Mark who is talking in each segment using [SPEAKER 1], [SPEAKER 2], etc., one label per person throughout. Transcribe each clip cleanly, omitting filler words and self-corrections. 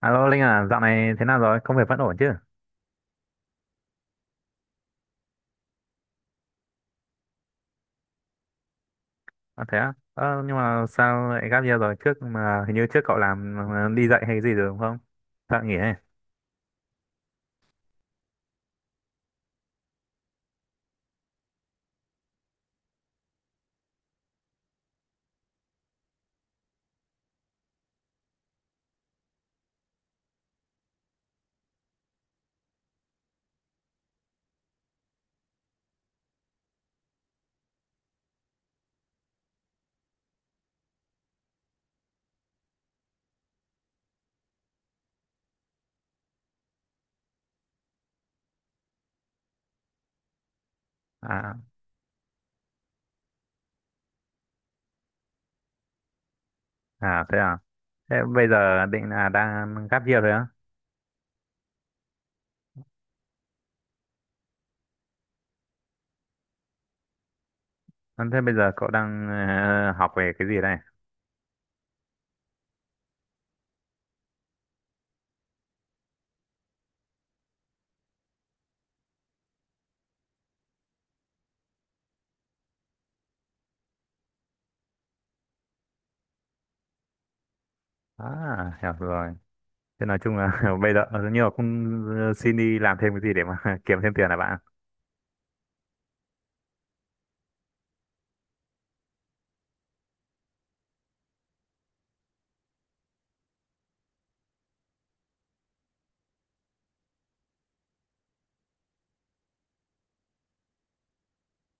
[SPEAKER 1] Alo Linh à, dạo này thế nào rồi? Công việc vẫn ổn chứ? À, thế á? Ờ, nhưng mà sao lại gap year rồi? Trước mà hình như trước cậu làm đi dạy hay gì rồi đúng không? Sao lại nghỉ ấy? À, à, thế à? Thế bây giờ định là đang gap year rồi á? À, thế bây giờ cậu đang học về cái gì đây? À, hiểu rồi. Thế nói chung là bây giờ nhưng mà cũng xin đi làm thêm cái gì để mà kiếm thêm tiền là bạn.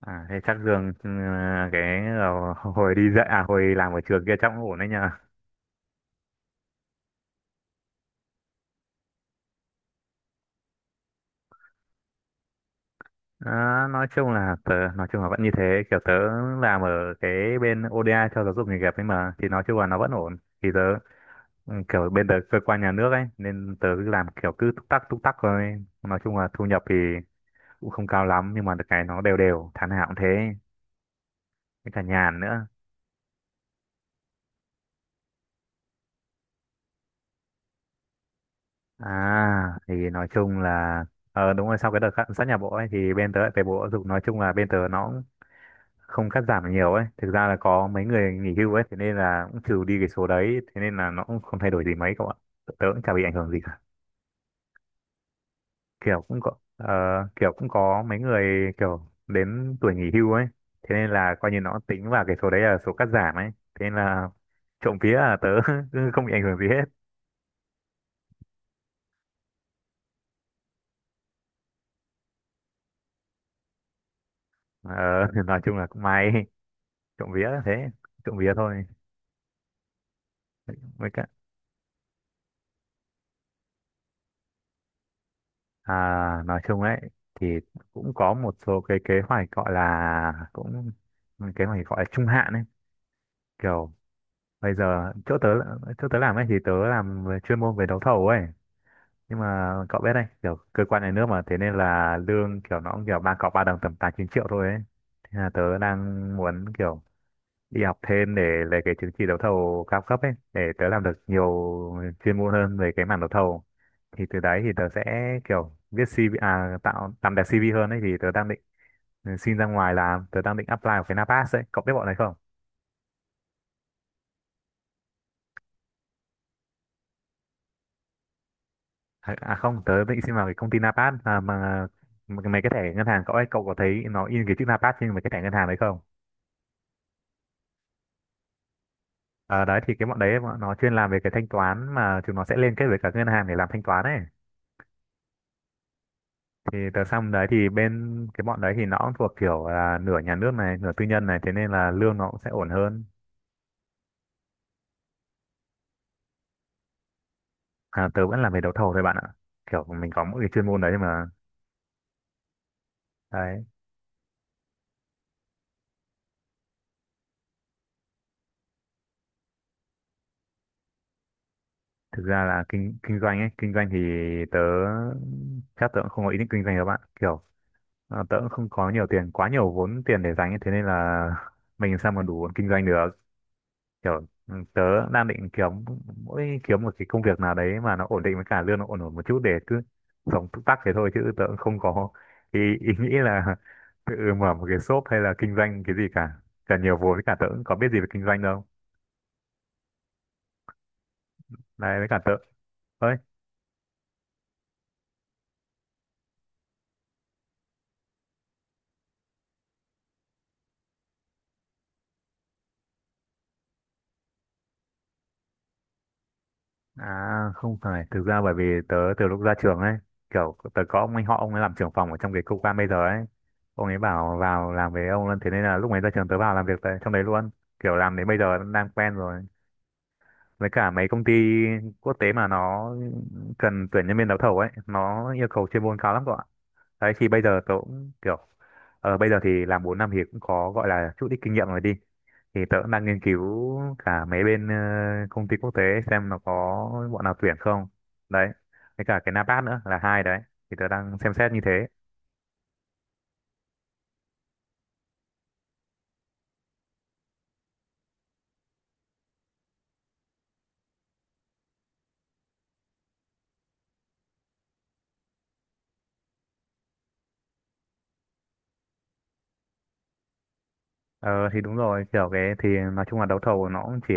[SPEAKER 1] À, thế chắc lương cái hồi đi dạy à hồi làm ở trường kia chắc cũng ổn đấy nhờ. Đó, nói chung là tớ nói chung là vẫn như thế, kiểu tớ làm ở cái bên ODA cho giáo dục nghề nghiệp ấy mà thì nói chung là nó vẫn ổn. Thì tớ kiểu bên tớ cơ quan nhà nước ấy nên tớ cứ làm kiểu cứ túc tắc thôi, nói chung là thu nhập thì cũng không cao lắm nhưng mà được cái nó đều đều tháng nào cũng thế, với cả nhàn nữa. À thì nói chung là đúng rồi, sau cái đợt sát nhập bộ ấy thì bên tớ lại về bộ giáo dục, nói chung là bên tớ nó không cắt giảm được nhiều ấy, thực ra là có mấy người nghỉ hưu ấy, thế nên là cũng trừ đi cái số đấy, thế nên là nó cũng không thay đổi gì mấy cậu ạ. Tớ cũng chả bị ảnh hưởng gì cả, kiểu cũng có ờ, kiểu cũng có mấy người kiểu đến tuổi nghỉ hưu ấy, thế nên là coi như nó tính vào cái số đấy là số cắt giảm ấy, thế nên là trộm vía là tớ không bị ảnh hưởng gì hết. Ờ, nói chung là cũng may, trộm vía là thế, trộm vía thôi. Với cả, À, nói chung ấy thì cũng có một số cái kế hoạch gọi là cũng kế hoạch gọi là trung hạn ấy, kiểu bây giờ chỗ tớ làm ấy thì tớ làm về chuyên môn về đấu thầu ấy, nhưng mà cậu biết đấy kiểu cơ quan nhà nước mà, thế nên là lương kiểu nó cũng kiểu ba cọc ba đồng tầm 8-9 triệu thôi ấy. Thế là tớ đang muốn kiểu đi học thêm để lấy cái chứng chỉ đấu thầu cao cấp ấy để tớ làm được nhiều chuyên môn hơn về cái mảng đấu thầu, thì từ đấy thì tớ sẽ kiểu viết CV, à, tạo làm đẹp CV hơn ấy thì tớ đang định xin ra ngoài làm, tớ đang định apply vào cái Napas ấy, cậu biết bọn này không? À, à, không, tớ định xin vào cái công ty Napas à, mà mấy cái thẻ ngân hàng cậu ấy, cậu có thấy nó in cái chữ Napas trên mấy cái thẻ ngân hàng đấy không? Ờ đấy thì cái bọn đấy bọn nó chuyên làm về cái thanh toán mà chúng nó sẽ liên kết với cả ngân hàng để làm thanh toán ấy, thì tờ xong đấy thì bên cái bọn đấy thì nó cũng thuộc kiểu là nửa nhà nước này nửa tư nhân này, thế nên là lương nó cũng sẽ ổn hơn. À, tớ vẫn làm về đấu thầu thôi bạn ạ, kiểu mình có mỗi cái chuyên môn đấy mà. Đấy, thực ra là kinh kinh doanh ấy, kinh doanh thì tớ chắc tớ cũng không có ý định kinh doanh đâu bạn, kiểu à, tớ cũng không có nhiều tiền, quá nhiều vốn tiền để dành ấy, thế nên là mình làm sao mà đủ kinh doanh được, kiểu tớ đang định kiếm mỗi kiếm một cái công việc nào đấy mà nó ổn định với cả lương nó ổn ổn một chút, để cứ sống túc tắc thế thôi, chứ tớ cũng không có ý nghĩ là tự mở một cái shop hay là kinh doanh cái gì cả, cả nhiều vốn với cả tớ cũng có biết gì về kinh doanh đâu. Đấy với cả tớ ơi, à không phải, thực ra bởi vì tớ từ lúc ra trường ấy, kiểu tớ có ông anh họ, ông ấy làm trưởng phòng ở trong cái cơ quan bây giờ ấy, ông ấy bảo vào làm với ông luôn, thế nên là lúc ấy ra trường tớ vào làm việc tại trong đấy luôn, kiểu làm đến bây giờ đang quen rồi. Với cả mấy công ty quốc tế mà nó cần tuyển nhân viên đấu thầu ấy nó yêu cầu chuyên môn cao lắm các bạn. Đấy thì bây giờ tớ cũng kiểu bây giờ thì làm 4 năm thì cũng có gọi là chút ít kinh nghiệm rồi đi, thì tớ cũng đang nghiên cứu cả mấy bên công ty quốc tế xem nó có bọn nào tuyển không, đấy với cả cái NAPAT nữa là hai đấy, thì tớ đang xem xét như thế. Ờ thì đúng rồi, kiểu cái thì nói chung là đấu thầu nó cũng chỉ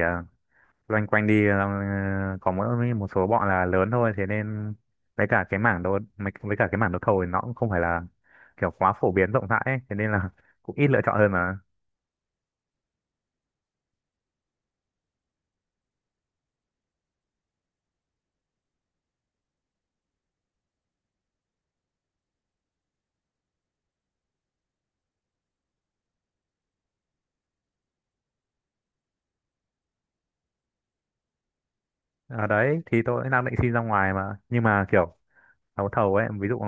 [SPEAKER 1] loanh quanh đi có mỗi một số bọn là lớn thôi, thế nên với cả cái với cả cái mảng đấu thầu thì nó cũng không phải là kiểu quá phổ biến rộng rãi ấy. Thế nên là cũng ít lựa chọn hơn mà. Ở đấy thì tôi đang định xin ra ngoài mà, nhưng mà kiểu đấu thầu ấy, ví dụ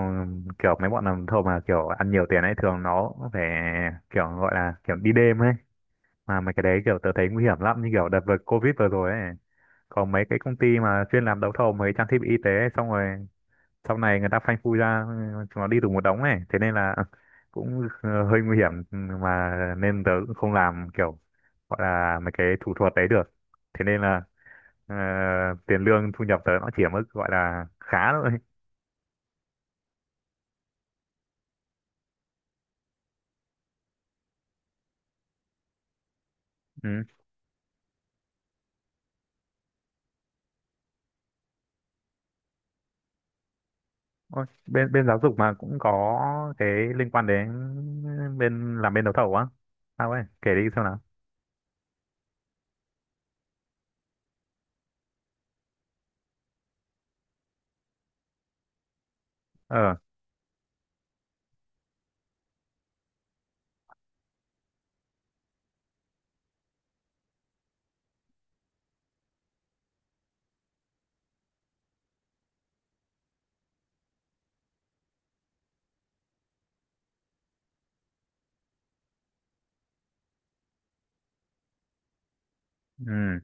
[SPEAKER 1] kiểu mấy bọn làm thầu mà kiểu ăn nhiều tiền ấy thường nó phải kiểu gọi là kiểu đi đêm ấy, mà mấy cái đấy kiểu tớ thấy nguy hiểm lắm, như kiểu đợt vừa Covid vừa rồi ấy, còn mấy cái công ty mà chuyên làm đấu thầu mấy trang thiết bị y tế ấy, xong rồi sau này người ta phanh phui ra chúng nó đi tù một đống này, thế nên là cũng hơi nguy hiểm mà nên tớ cũng không làm kiểu gọi là mấy cái thủ thuật đấy được, thế nên là ờ, tiền lương thu nhập tớ nó chỉ ở mức gọi là khá thôi. Ừ. Ôi, bên bên giáo dục mà cũng có cái liên quan đến bên làm bên đấu thầu á? Sao ấy, kể đi xem nào. Ờ. Ừ.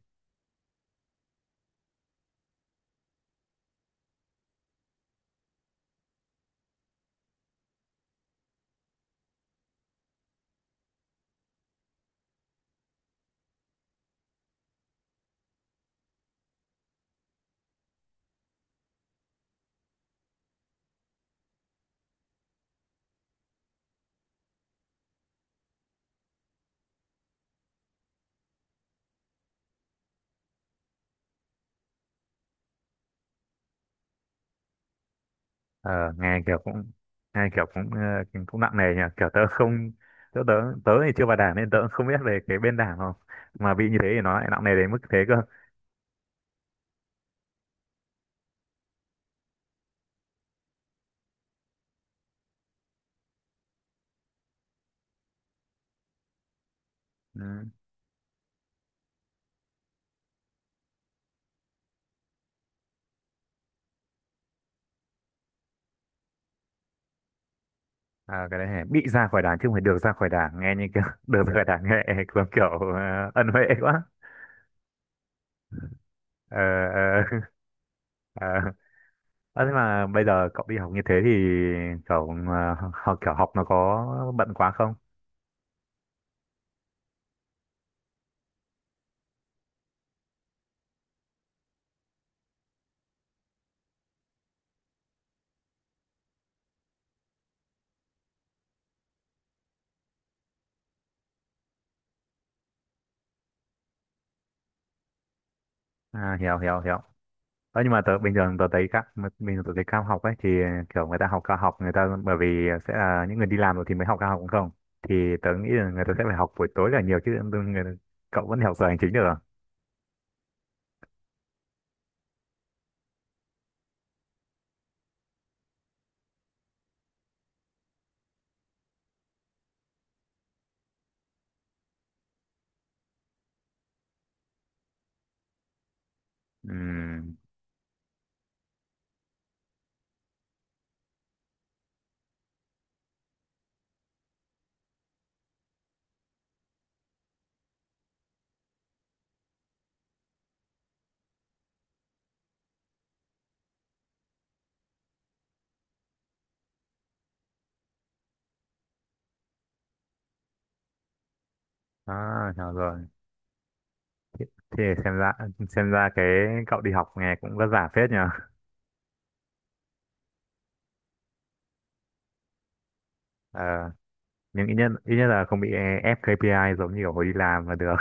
[SPEAKER 1] Ờ, nghe kiểu cũng nghe kiểu cũng cũng nặng nề nhỉ, kiểu tớ không, tớ tớ tớ thì chưa vào đảng nên tớ cũng không biết về cái bên đảng, không mà bị như thế thì nó lại nặng nề đến mức thế cơ. Ừ. À, cái đấy hả? Bị ra khỏi đảng chứ không phải được ra khỏi đảng, nghe như kiểu được ra khỏi đảng nghe giống kiểu ân huệ quá. Ờ. Ờ. Ờ. Ờ, thế mà bây giờ cậu đi học như thế thì cậu học kiểu học nó có bận quá không? À, hiểu hiểu hiểu. Ờ, nhưng mà tớ bình thường tớ thấy các bình thường tớ thấy cao học ấy thì kiểu người ta học cao học, người ta bởi vì sẽ là những người đi làm rồi thì mới học cao học đúng không, thì tớ nghĩ là người ta sẽ phải học buổi tối là nhiều chứ người, cậu vẫn học giờ hành chính được à? Ừm, à, hiểu rồi. Thì xem ra cái cậu đi học nghe cũng vất vả phết nhờ. Ờ, nhưng ít nhất là không bị ép KPI giống như kiểu hồi đi làm là được.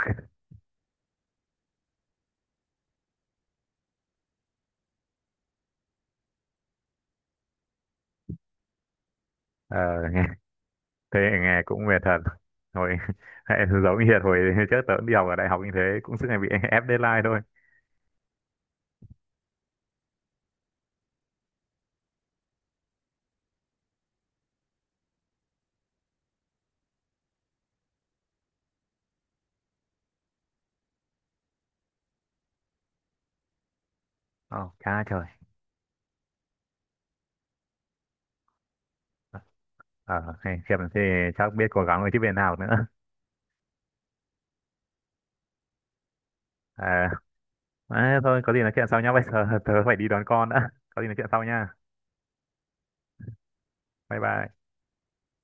[SPEAKER 1] Ờ, nghe thế nghe cũng mệt thật. Hồi giống như hồi trước tớ cũng đi học ở đại học như thế cũng suốt ngày bị ép deadline thôi. Ồ, cha trời. Ờ, hey, Hiệp thì chắc biết cố gắng với tiếp viên nào nữa. À, à, thôi, có gì nói chuyện sau nhá. Bây giờ tớ phải đi đón con đã. Có gì nói chuyện sau nha. Bye bye.